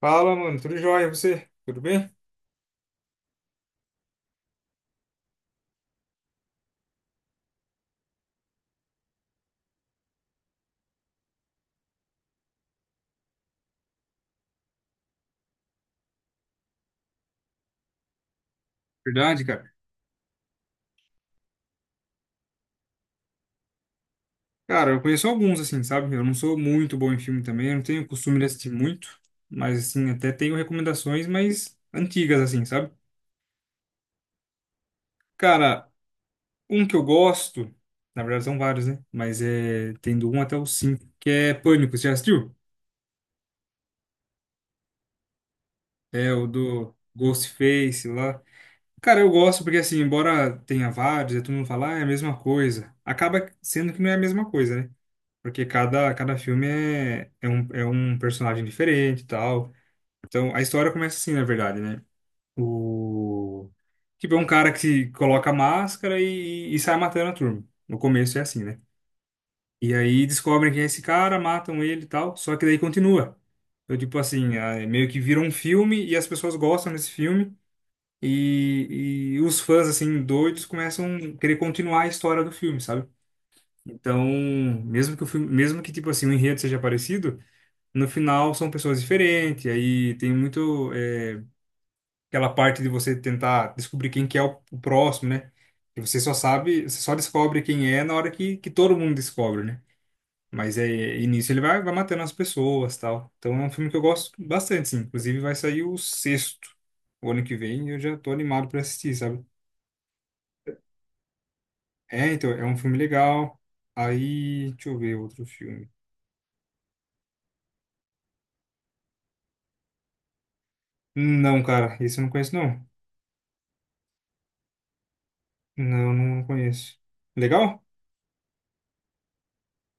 Fala, mano, tudo jóia? E você? Tudo bem? Verdade, cara. Cara, eu conheço alguns, assim, sabe? Eu não sou muito bom em filme também, eu não tenho costume de assistir muito, mas, assim, até tenho recomendações mais antigas, assim, sabe? Cara, um que eu gosto, na verdade são vários, né? Mas é, tem do 1 até o 5 que é Pânico, você já assistiu? É o do Ghostface lá. Cara, eu gosto porque, assim, embora tenha vários, e todo mundo fala, ah, é a mesma coisa, acaba sendo que não é a mesma coisa, né? Porque cada filme é um personagem diferente e tal. Então, a história começa assim, na verdade, né? O... Tipo, é um cara que se coloca a máscara e sai matando a turma. No começo é assim, né? E aí descobrem quem é esse cara, matam ele e tal. Só que daí continua. Então, tipo assim, é meio que vira um filme e as pessoas gostam desse filme. E os fãs, assim, doidos começam a querer continuar a história do filme, sabe? Então, mesmo que, tipo assim, o enredo seja parecido no final são pessoas diferentes, aí tem muito aquela parte de você tentar descobrir quem que é o próximo, né? Que você só sabe, você só descobre quem é na hora que todo mundo descobre, né? Mas é, e nisso ele vai matando as pessoas, tal. Então é um filme que eu gosto bastante, sim. Inclusive vai sair o sexto, o ano que vem, e eu já tô animado pra assistir, sabe? É, então, é um filme legal. Aí, deixa eu ver outro filme. Não, cara, esse eu não conheço, não. Não, não conheço. Legal?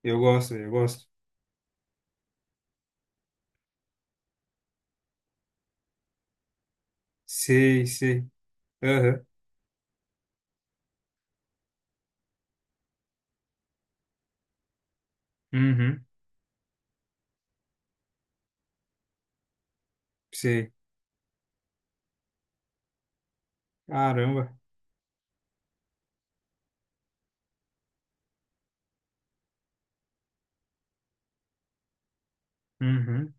Eu gosto, eu gosto. Sei, sei. Aham. Uhum, sei. Caramba. Uhum,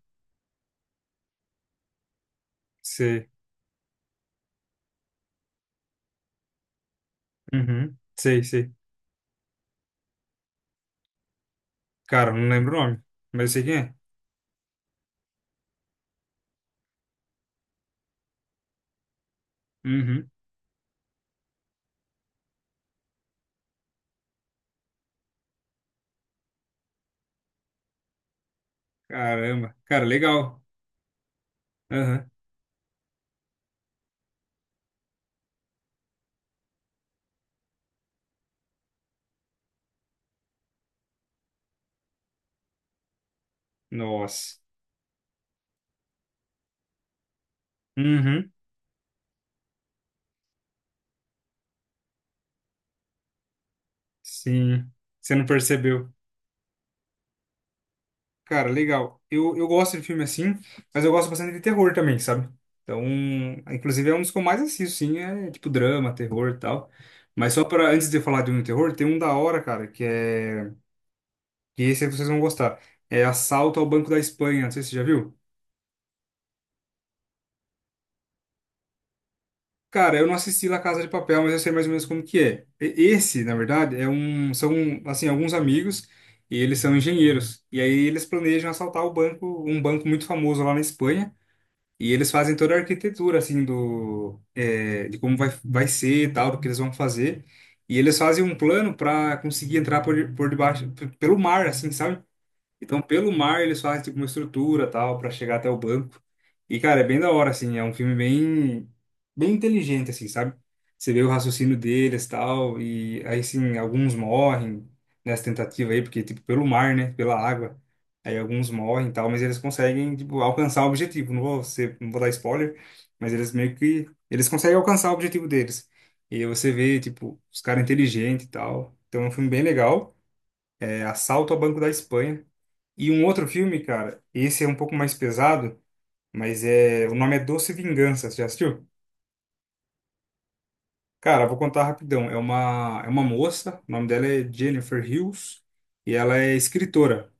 sei. Uhum, sei, sei. Cara, não lembro o nome, mas eu sei quem é. Uhum. Caramba, cara, legal. Aham, nossa. Uhum. Sim, você não percebeu. Cara, legal. Eu gosto de filme assim, mas eu gosto bastante de terror também, sabe? Então, inclusive é um dos que eu mais assisto, sim, é tipo drama, terror e tal. Mas só para antes de eu falar de um terror, tem um da hora, cara. Que é E esse aí vocês vão gostar. É Assalto ao Banco da Espanha, não sei se você já viu. Cara, eu não assisti La Casa de Papel, mas eu sei mais ou menos como que é. Esse, na verdade, são assim, alguns amigos e eles são engenheiros. E aí eles planejam assaltar o banco, um banco muito famoso lá na Espanha. E eles fazem toda a arquitetura assim de como vai ser e tal, do que eles vão fazer. E eles fazem um plano para conseguir entrar por debaixo, pelo mar, assim, sabe? Então, pelo mar, eles fazem tipo uma estrutura tal para chegar até o banco. E, cara, é bem da hora, assim. É um filme bem inteligente, assim, sabe? Você vê o raciocínio deles tal. E aí, sim, alguns morrem nessa tentativa aí, porque, tipo, pelo mar, né? Pela água. Aí alguns morrem tal, mas eles conseguem, tipo, alcançar o objetivo. Não vou dar spoiler, mas eles meio que. Eles conseguem alcançar o objetivo deles. E aí você vê, tipo, os caras inteligentes e tal. Então, é um filme bem legal. É Assalto ao Banco da Espanha. E um outro filme, cara, esse é um pouco mais pesado, mas é, o nome é Doce Vingança, você já assistiu? Cara, vou contar rapidão. É uma moça, o nome dela é Jennifer Hills, e ela é escritora.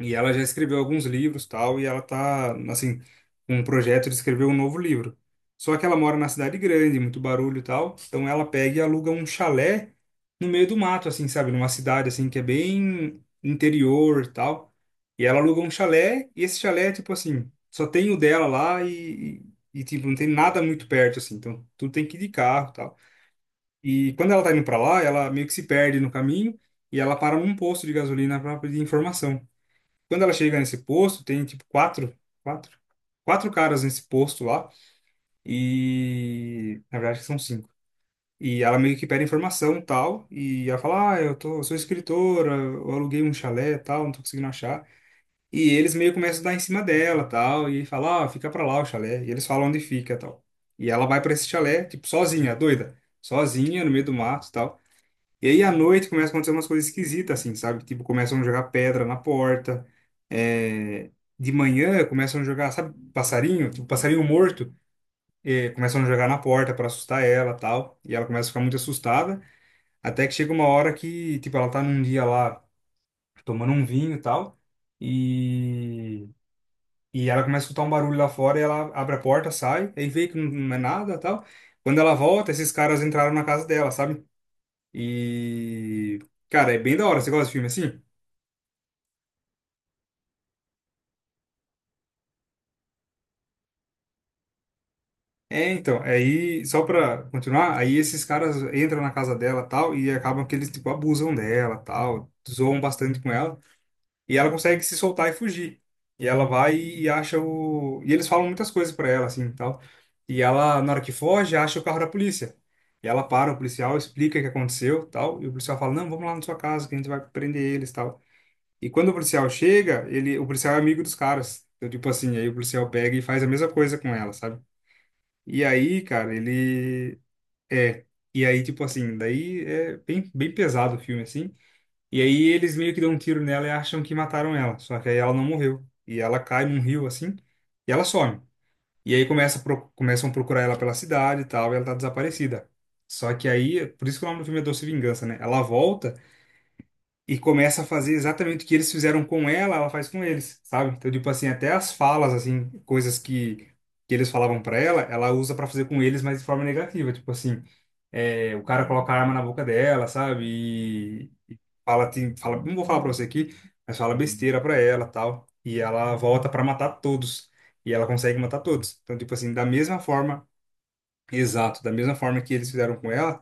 E ela já escreveu alguns livros, tal, e ela tá, assim, com um projeto de escrever um novo livro. Só que ela mora na cidade grande, muito barulho e tal, então ela pega e aluga um chalé no meio do mato, assim, sabe? Numa cidade, assim, que é bem interior e tal. E ela aluga um chalé, e esse chalé, tipo assim, só tem o dela lá e, tipo, não tem nada muito perto, assim, então tudo tem que ir de carro e tal. E quando ela tá indo pra lá, ela meio que se perde no caminho e ela para num posto de gasolina para pedir informação. Quando ela chega nesse posto, tem tipo quatro, quatro caras nesse posto lá. E na verdade são cinco. E ela meio que pede informação e tal. E ela fala: Ah, eu sou escritora, eu aluguei um chalé e tal, não tô conseguindo achar. E eles meio que começam a dar em cima dela tal. E fala: Ah, fica pra lá o chalé. E eles falam onde fica tal. E ela vai pra esse chalé, tipo, sozinha, doida. Sozinha, no meio do mato e tal. E aí à noite começa a acontecer umas coisas esquisitas, assim, sabe? Tipo, começam a jogar pedra na porta. É, De manhã começam a jogar, sabe, passarinho? Tipo, passarinho morto. Começam a jogar na porta para assustar ela tal. E ela começa a ficar muito assustada. Até que chega uma hora que, tipo, ela tá num dia lá tomando um vinho e tal. E. E ela começa a escutar um barulho lá fora e ela abre a porta, sai, aí vê que não é nada tal. Quando ela volta, esses caras entraram na casa dela, sabe? E, cara, é bem da hora. Você gosta de filme assim? É, então, é aí, só pra continuar, aí esses caras entram na casa dela tal, e acabam que eles, tipo, abusam dela tal, zoam bastante com ela, e ela consegue se soltar e fugir. E ela vai e acha o. E eles falam muitas coisas pra ela, assim tal. E ela, na hora que foge, acha o carro da polícia. E ela para o policial, explica o que aconteceu tal, e o policial fala: Não, vamos lá na sua casa que a gente vai prender eles tal. E quando o policial chega, o policial é amigo dos caras. Então, tipo assim, aí o policial pega e faz a mesma coisa com ela, sabe? E aí, cara, ele é. E aí, tipo assim, daí é bem, bem pesado o filme, assim. E aí eles meio que dão um tiro nela e acham que mataram ela. Só que aí ela não morreu. E ela cai num rio, assim, e ela some. E aí começa, começam a procurar ela pela cidade e tal, e ela tá desaparecida. Só que aí, por isso que o nome do filme é Doce Vingança, né? Ela volta e começa a fazer exatamente o que eles fizeram com ela, ela faz com eles, sabe? Então, tipo assim, até as falas, assim, coisas que eles falavam pra ela, ela usa pra fazer com eles, mas de forma negativa. Tipo assim, é, o cara coloca a arma na boca dela, sabe? E fala, fala, não vou falar pra você aqui, mas fala besteira pra ela, tal. E ela volta pra matar todos. E ela consegue matar todos. Então, tipo assim, da mesma forma, exato, da mesma forma que eles fizeram com ela,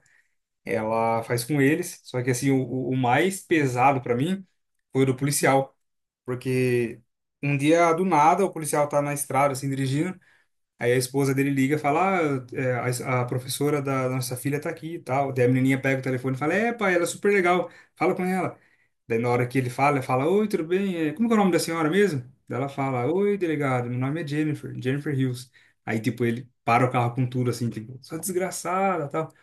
ela faz com eles. Só que assim, o mais pesado pra mim foi o do policial, porque um dia do nada o policial tá na estrada assim dirigindo, aí a esposa dele liga, e fala, ah, é, a professora da nossa filha tá aqui e tal. Daí a menininha pega o telefone e fala, é, pai, ela é super legal, fala com ela. Daí na hora que ele fala, ela fala, oi, tudo bem? Como que é o nome da senhora mesmo? Daí ela fala, oi, delegado, meu nome é Jennifer, Jennifer Hills. Aí, tipo, ele para o carro com tudo, assim, tipo, sua desgraçada, tal.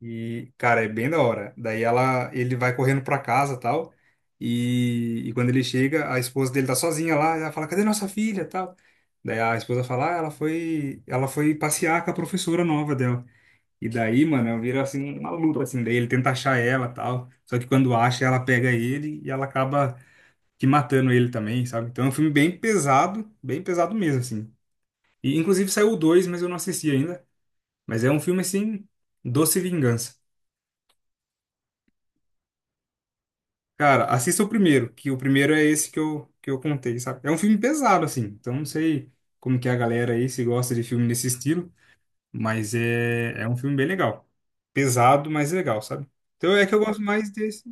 E, cara, é bem da hora. Daí ele vai correndo pra casa, tal. E quando ele chega, a esposa dele tá sozinha lá, ela fala: "Cadê nossa filha?", tal. Daí a esposa fala: "Ah, ela foi passear com a professora nova dela". E daí, mano, vira assim uma luta assim, daí ele tenta achar ela, tal. Só que quando acha, ela pega ele e ela acaba que matando ele também, sabe? Então é um filme bem pesado mesmo assim. E inclusive saiu o dois, mas eu não assisti ainda. Mas é um filme assim, Doce Vingança. Cara, assista o primeiro, que o primeiro é esse que eu contei, sabe? É um filme pesado, assim, então não sei como que é a galera aí, se gosta de filme nesse estilo, mas é, um filme bem legal. Pesado, mas legal, sabe? Então é que eu gosto mais desse.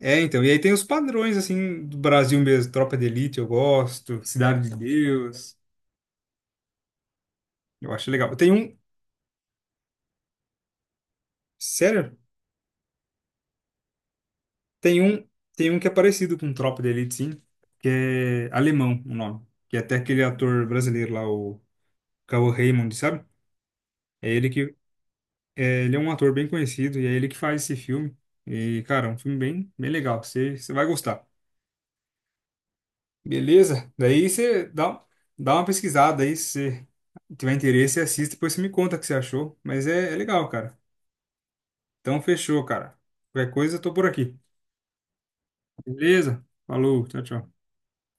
É, então, e aí tem os padrões, assim, do Brasil mesmo. Tropa de Elite eu gosto, Cidade de Deus, eu acho legal. Tem um, sério? Tem um, que é parecido com Tropa de Elite, sim, que é alemão o nome, que é até aquele ator brasileiro lá, o Cauã Raymond, sabe? É ele que Ele é um ator bem conhecido e é ele que faz esse filme. E, cara, é um filme bem, bem legal. Você vai gostar. Beleza? Daí você dá uma pesquisada aí. Se você tiver interesse, você assiste. Depois você me conta o que você achou. Mas é, legal, cara. Então, fechou, cara. Qualquer coisa, eu tô por aqui. Beleza? Falou. Tchau, tchau.